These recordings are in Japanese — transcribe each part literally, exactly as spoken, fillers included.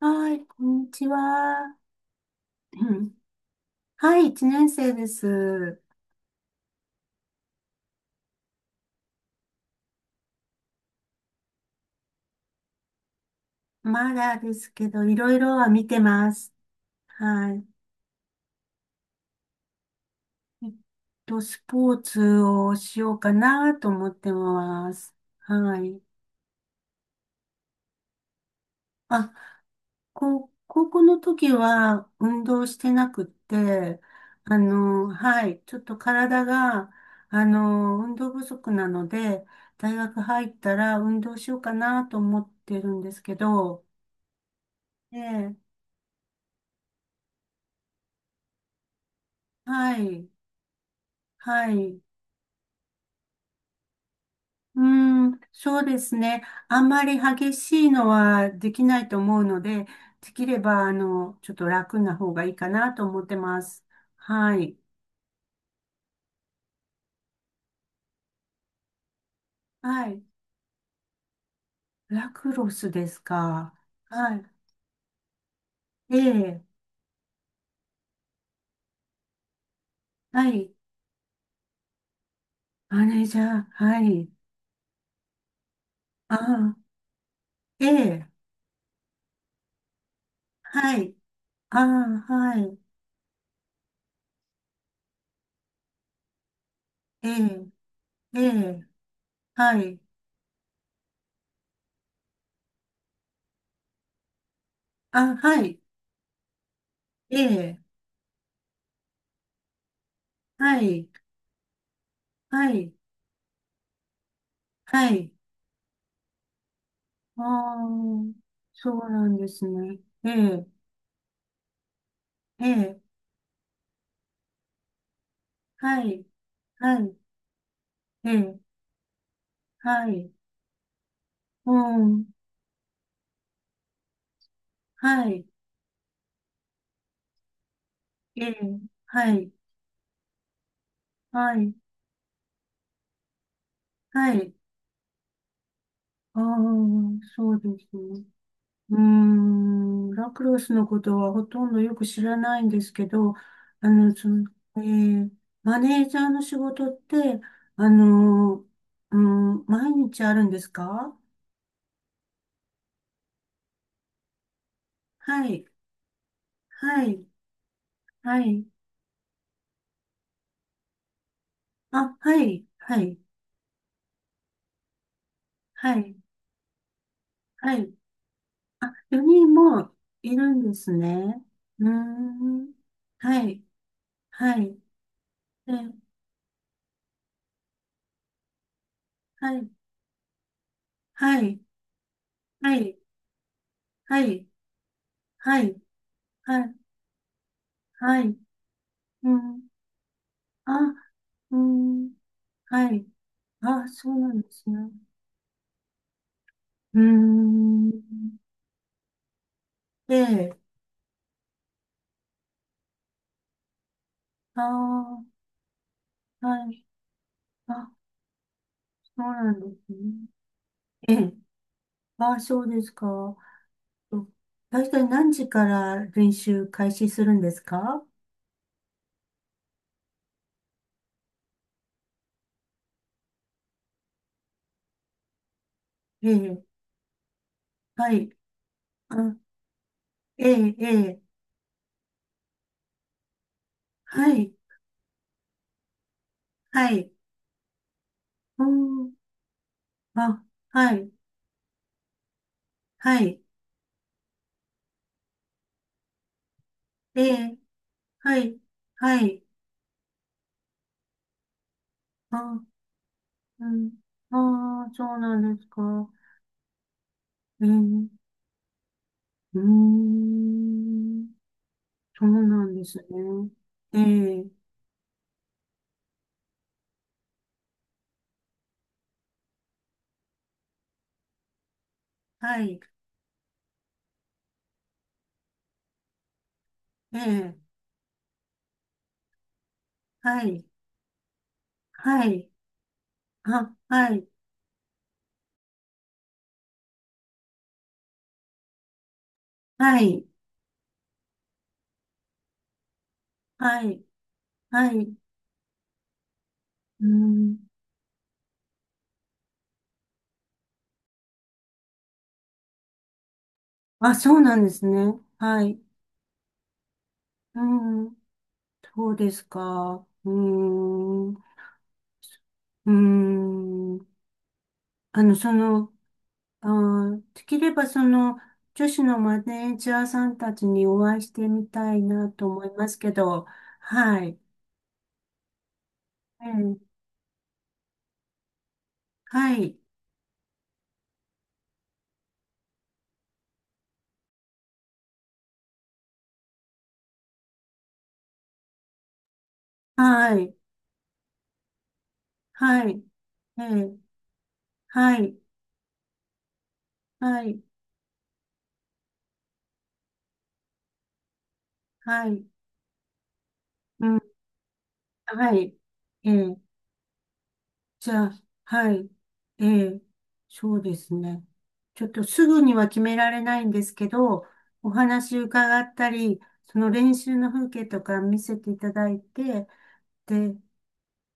はい、こんにちは。うん、はい、一年生です。まだですけど、いろいろは見てます。はい。えっと、スポーツをしようかなと思ってます。はい。あ、こう高校の時は運動してなくって、あの、はい、ちょっと体が、あの、運動不足なので、大学入ったら運動しようかなと思ってるんですけど、ええ、はい。はい。うーん、そうですね。あんまり激しいのはできないと思うので、できれば、あの、ちょっと楽な方がいいかなと思ってます。はい。はい。ラクロスですか。はい。ええ。はい。マネージャー。はい。ああ。ええ。はい。ああ、はい。ええ。ええ。はい。あ、はい。ええ。はい。はい。はい。ああ、そうなんですね。ええ、ええ、はい、はい、ええ、はい、うん、はい、ええ、はい、はい、はい。ああ、そうですね。うーん、ラクロスのことはほとんどよく知らないんですけど、あの、その、ええ、マネージャーの仕事って、あの、うん、毎日あるんですか？はい、はい、はい。あ、はい、はい。はい、はい。よにんもいるんですね。うーん。はい、はい。え、はい、はい、はい、はい、はい、はい、はい。うん。あ、うん。はい。あ、そうなんですね。うーん。で、あー、はい。あ、そうなんですね。ええ、あ、そうですか。大体何時から練習開始するんですか？ええ、はい。あ、ええ、ええ、はい、はい、うん、あ、はい、はい、ええ、はい、はい、あ、うん、ああ、そうなんですか。ええ、うーん、そうなんですね。ええ、はい、ええ、はい、はい、あ、はい、はい、はい、はい、うん、あ、そうなんですね。はい、うん、そうですか。うーん、うーん。あの、その、あー、できればその、女子のマネージャーさんたちにお会いしてみたいなと思いますけど、はい。ええ、はい。はい。はい。ええ、はい。はい。はい。うん。はい。ええ、じゃあ、はい。ええ、そうですね。ちょっとすぐには決められないんですけど、お話伺ったり、その練習の風景とか見せていただいて、で、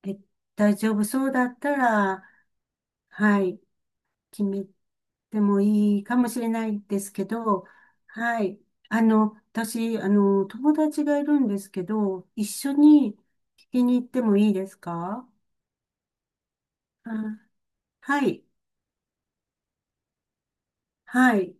え、大丈夫そうだったら、はい、決めてもいいかもしれないですけど、はい。あの、私、あの、友達がいるんですけど、一緒に聞きに行ってもいいですか？あ、はい、はい。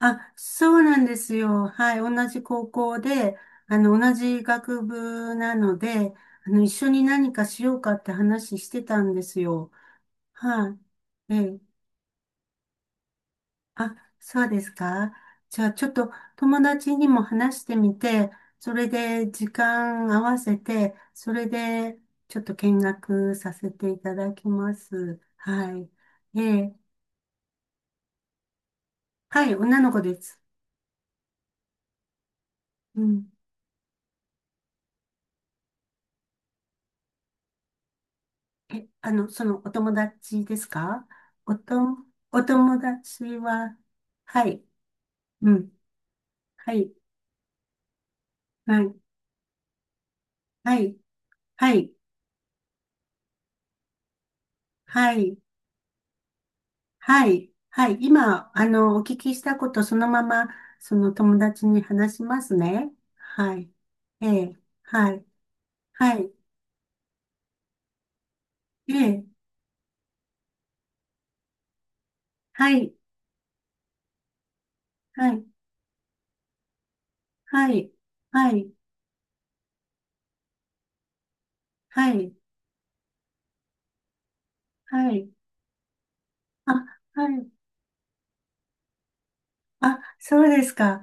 あ、そうなんですよ。はい。同じ高校で、あの、同じ学部なので、あの、一緒に何かしようかって話してたんですよ。はい。ええ。あ、そうですか。じゃあ、ちょっと友達にも話してみて、それで時間合わせて、それでちょっと見学させていただきます。はい。ええ。はい。女の子です。うん。え、あの、そのお友達ですか？おと、お友達は、はい、うん、はい、はい、はい、はい、はい、はい、はい、今、あの、お聞きしたことそのまま、その友達に話しますね。はい、ええ、はい、はい、ええ、はい、はい、はい、はい、はい、はい、あ、はい、あ、そうですか。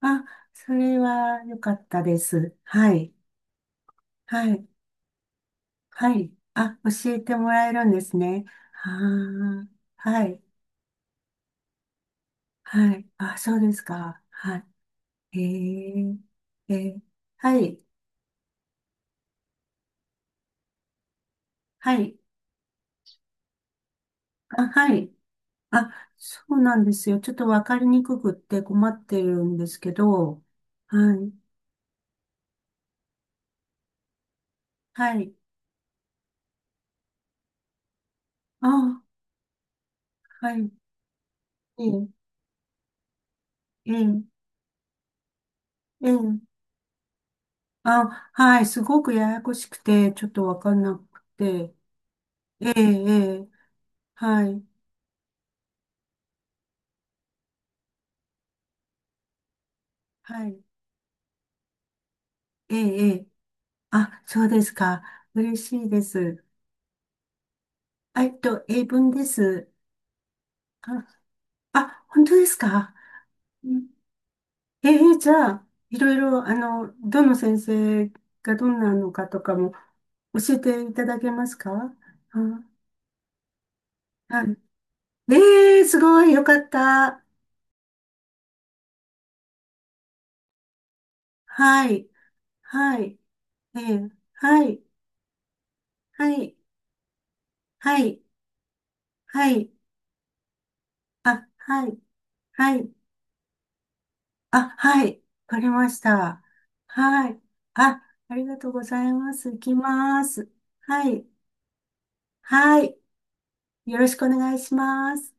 あ、それは良かったです。はい。はい、はい。あ、教えてもらえるんですね。は、あ、はい、はい。あ、そうですか。はい。えー、ええ、はい、はい。あ、はい。あ、そうなんですよ。ちょっとわかりにくくって困ってるんですけど、はい、はい。あ、はい。ええ、ええ、ええ。あ、はい。すごくややこしくて、ちょっとわかんなくて。ええ、ええ、はい、はい。ええ、ええ。あ、そうですか。嬉しいです。あ、えっと、英文です。あ、あ、本当ですか。うん、えー、じゃあ、いろいろ、あの、どの先生がどんなのかとかも教えていただけますか？あ、はい。えー、すごい、よかった。はい、はい、えー、はい、はい、はい、はい、あ、はい、はい。あ、はい。わかりました。はい。あ、ありがとうございます。行きます。はい。はい。よろしくお願いします。